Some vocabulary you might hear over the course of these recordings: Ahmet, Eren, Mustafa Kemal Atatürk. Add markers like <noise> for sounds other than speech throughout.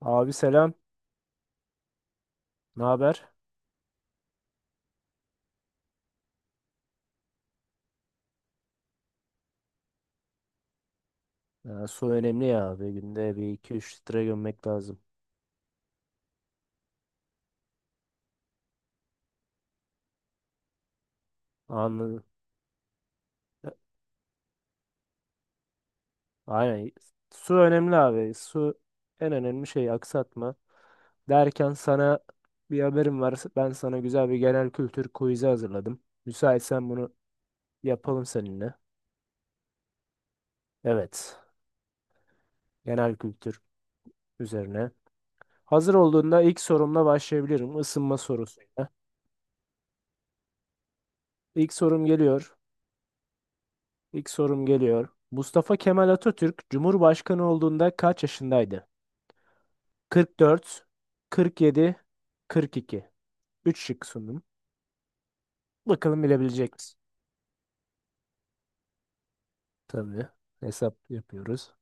Abi selam. Ne haber? Ya, su önemli ya abi. Günde bir iki üç litre gömmek lazım. Anladım. E, Aynen. Su önemli abi. Su en önemli şey, aksatma. Derken sana bir haberim var. Ben sana güzel bir genel kültür quiz'i hazırladım. Müsaitsen bunu yapalım seninle. Evet. Genel kültür üzerine. Hazır olduğunda ilk sorumla başlayabilirim. Isınma sorusuyla. İlk sorum geliyor. İlk sorum geliyor. Mustafa Kemal Atatürk Cumhurbaşkanı olduğunda kaç yaşındaydı? 44, 47, 42. 3 şık sundum. Bakalım bilebilecek misin? Tabii. Hesap yapıyoruz.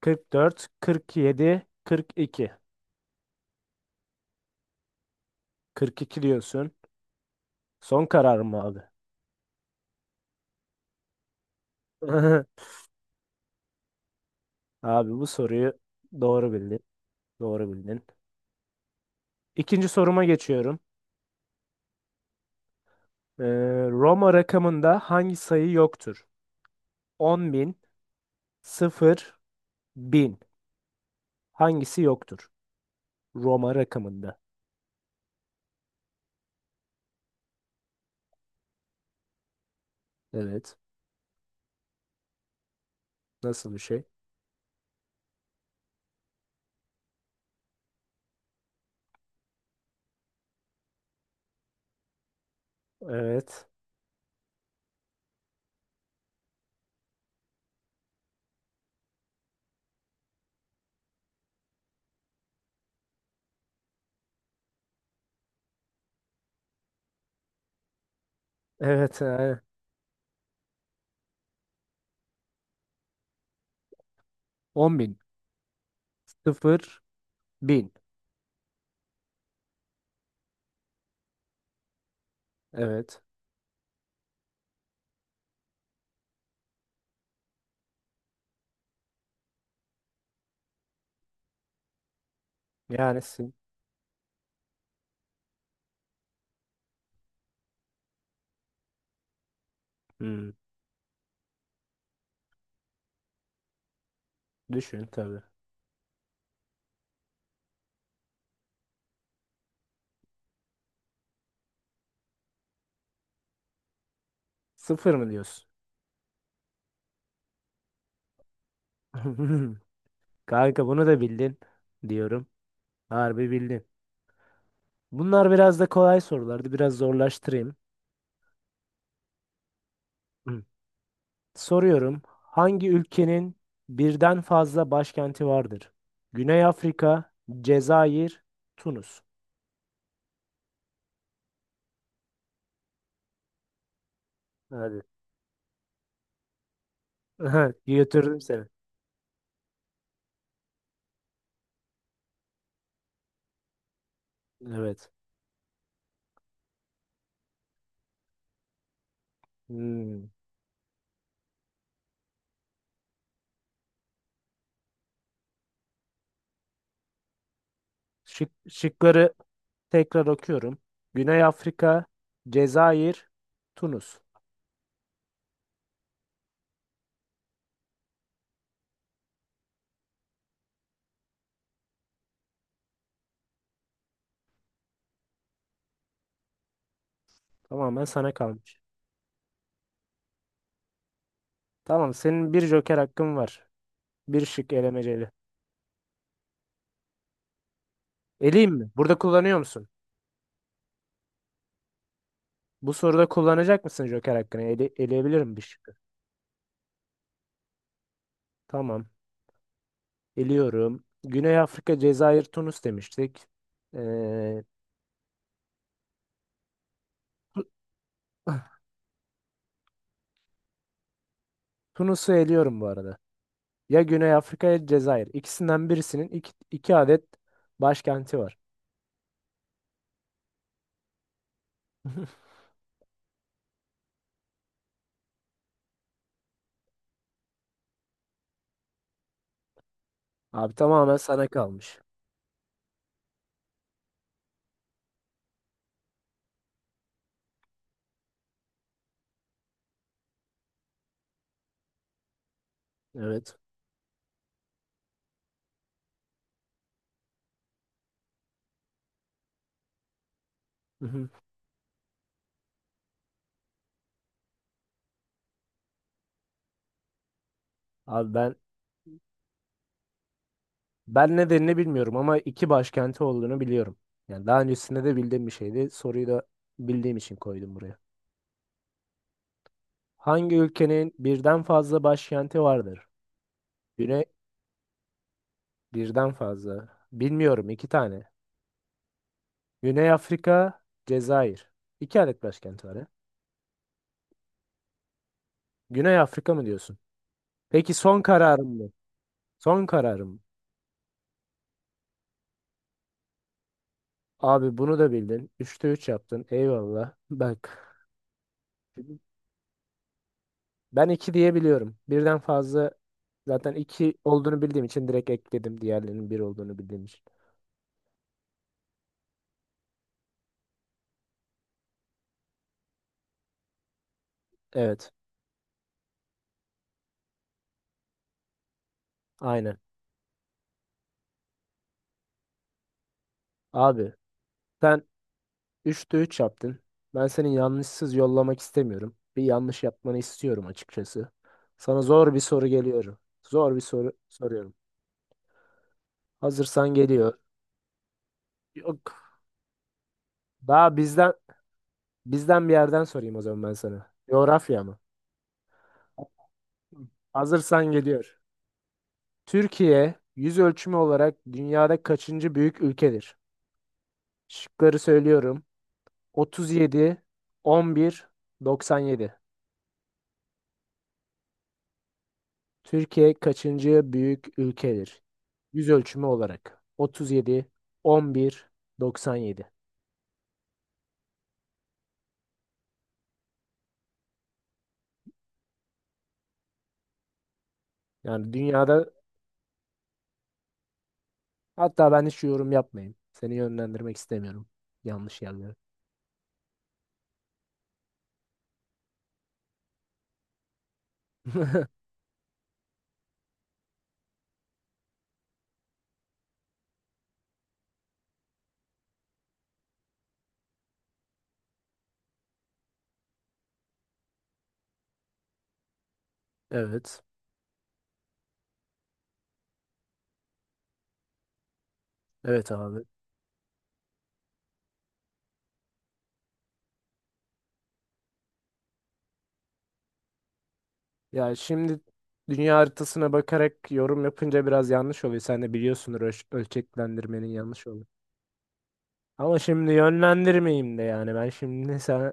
44, 47, 42. 42 diyorsun. Son karar mı abi? <laughs> Abi bu soruyu doğru bildin. Doğru bildin. İkinci soruma geçiyorum. Ee, Roma rakamında hangi sayı yoktur? 10.000, 0, 1000. Hangisi yoktur? Roma rakamında. Evet. Nasıl bir şey? Evet. Evet. Yani. 10 bin. Sıfır bin. Evet. Yani sin- hmm, düşün tabii. Sıfır mı diyorsun? <laughs> Kanka bunu da bildin diyorum. Harbi bildin. Bunlar biraz da kolay sorulardı. Biraz zorlaştırayım. Hı. Soruyorum. Hangi ülkenin birden fazla başkenti vardır? Güney Afrika, Cezayir, Tunus. Hadi. <laughs> Götürdüm seni. Evet. Hmm. Şıkları tekrar okuyorum. Güney Afrika, Cezayir, Tunus. Tamamen sana kalmış. Tamam, senin bir joker hakkın var. Bir şık elemeceli. Eleyim mi? Burada kullanıyor musun? Bu soruda kullanacak mısın joker hakkını? Eleyebilir bir şıkkı? Tamam. Eliyorum. Güney Afrika, Cezayir, Tunus demiştik. Ee, <clears throat> <laughs> Tunus'u eliyorum bu arada. Ya Güney Afrika ya Cezayir. İkisinden birisinin iki adet başkenti var. <laughs> Abi tamamen sana kalmış. Evet. Hı hı. Abi ben nedenini bilmiyorum ama iki başkenti olduğunu biliyorum. Yani daha öncesinde de bildiğim bir şeydi. Soruyu da bildiğim için koydum buraya. Hangi ülkenin birden fazla başkenti vardır? Güney, birden fazla. Bilmiyorum, iki tane. Güney Afrika, Cezayir. İki adet başkenti var ya. Güney Afrika mı diyorsun? Peki, son kararım mı? Son kararım mı? Abi bunu da bildin. 3/3 yaptın. Eyvallah. Bak. Ben iki diye biliyorum. Birden fazla zaten iki olduğunu bildiğim için direkt ekledim, diğerlerinin bir olduğunu bildiğim için. Evet. Aynen. Abi sen 3/3 yaptın. Ben seni yanlışsız yollamak istemiyorum. Bir yanlış yapmanı istiyorum açıkçası. Sana zor bir soru geliyorum. Zor bir soru soruyorum. Hazırsan geliyor. Yok. Daha bizden bir yerden sorayım o zaman ben sana. Coğrafya mı? Hazırsan geliyor. Türkiye yüz ölçümü olarak dünyada kaçıncı büyük ülkedir? Şıkları söylüyorum. 37, 11, 97. Türkiye kaçıncı büyük ülkedir? Yüz ölçümü olarak. 37, 11, 97. Yani dünyada, hatta ben hiç yorum yapmayayım. Seni yönlendirmek istemiyorum. Yanlış yerlere. <laughs> Evet. Evet abi. Ya şimdi dünya haritasına bakarak yorum yapınca biraz yanlış oluyor. Sen de biliyorsundur, ölçeklendirmenin yanlış. Ama şimdi yönlendirmeyeyim de, yani ben şimdi <laughs> sana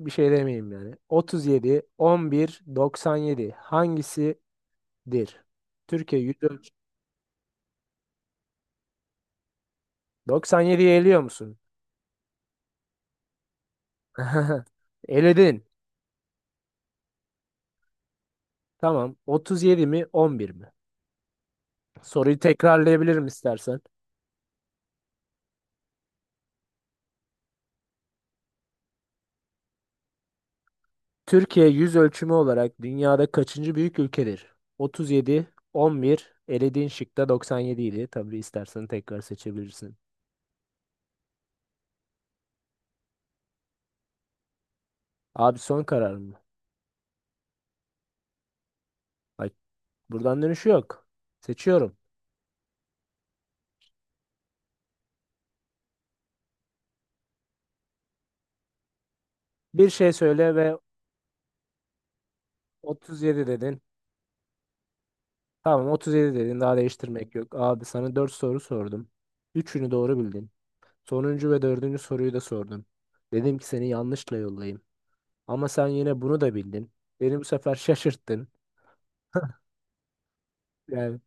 bir şey demeyeyim yani. 37, 11, 97 hangisidir? Türkiye 104. 97'yi eliyor musun? <laughs> Eledin. Tamam. 37 mi 11 mi? Soruyu tekrarlayabilirim istersen. Türkiye yüz ölçümü olarak dünyada kaçıncı büyük ülkedir? 37, 11, elediğin şıkta 97 idi. Tabii istersen tekrar seçebilirsin. Abi son karar mı? Bak, buradan dönüşü yok. Seçiyorum. Bir şey söyle ve 37 dedin. Tamam, 37 dedin. Daha değiştirmek yok. Abi sana 4 soru sordum. Üçünü doğru bildin. Sonuncu ve dördüncü soruyu da sordum. Dedim ki seni yanlışla yollayayım. Ama sen yine bunu da bildin. Beni bu sefer şaşırttın. Yani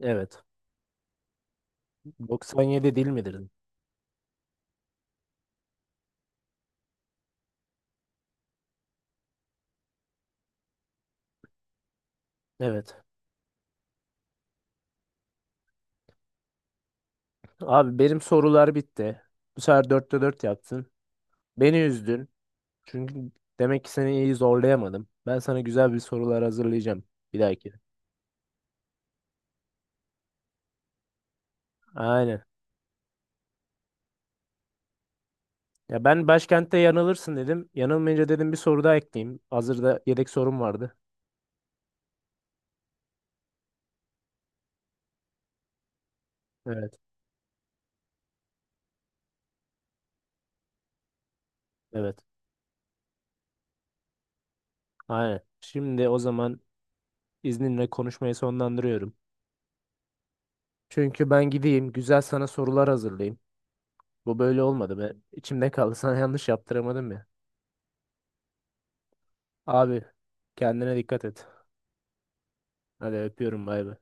evet. 97 değil midir? Evet. Abi benim sorular bitti. Bu sefer 4/4 yaptın. Beni üzdün. Çünkü demek ki seni iyi zorlayamadım. Ben sana güzel bir sorular hazırlayacağım bir dahaki. Aynen. Ya ben başkentte yanılırsın dedim. Yanılmayınca dedim bir soru daha ekleyeyim. Hazırda yedek sorum vardı. Evet. Evet. Aynen. Şimdi o zaman izninle konuşmayı sonlandırıyorum. Çünkü ben gideyim güzel sana sorular hazırlayayım. Bu böyle olmadı. Ben içimde kaldı. <laughs> Sana yanlış yaptıramadım ya. Abi kendine dikkat et. Hadi öpüyorum, bay bay.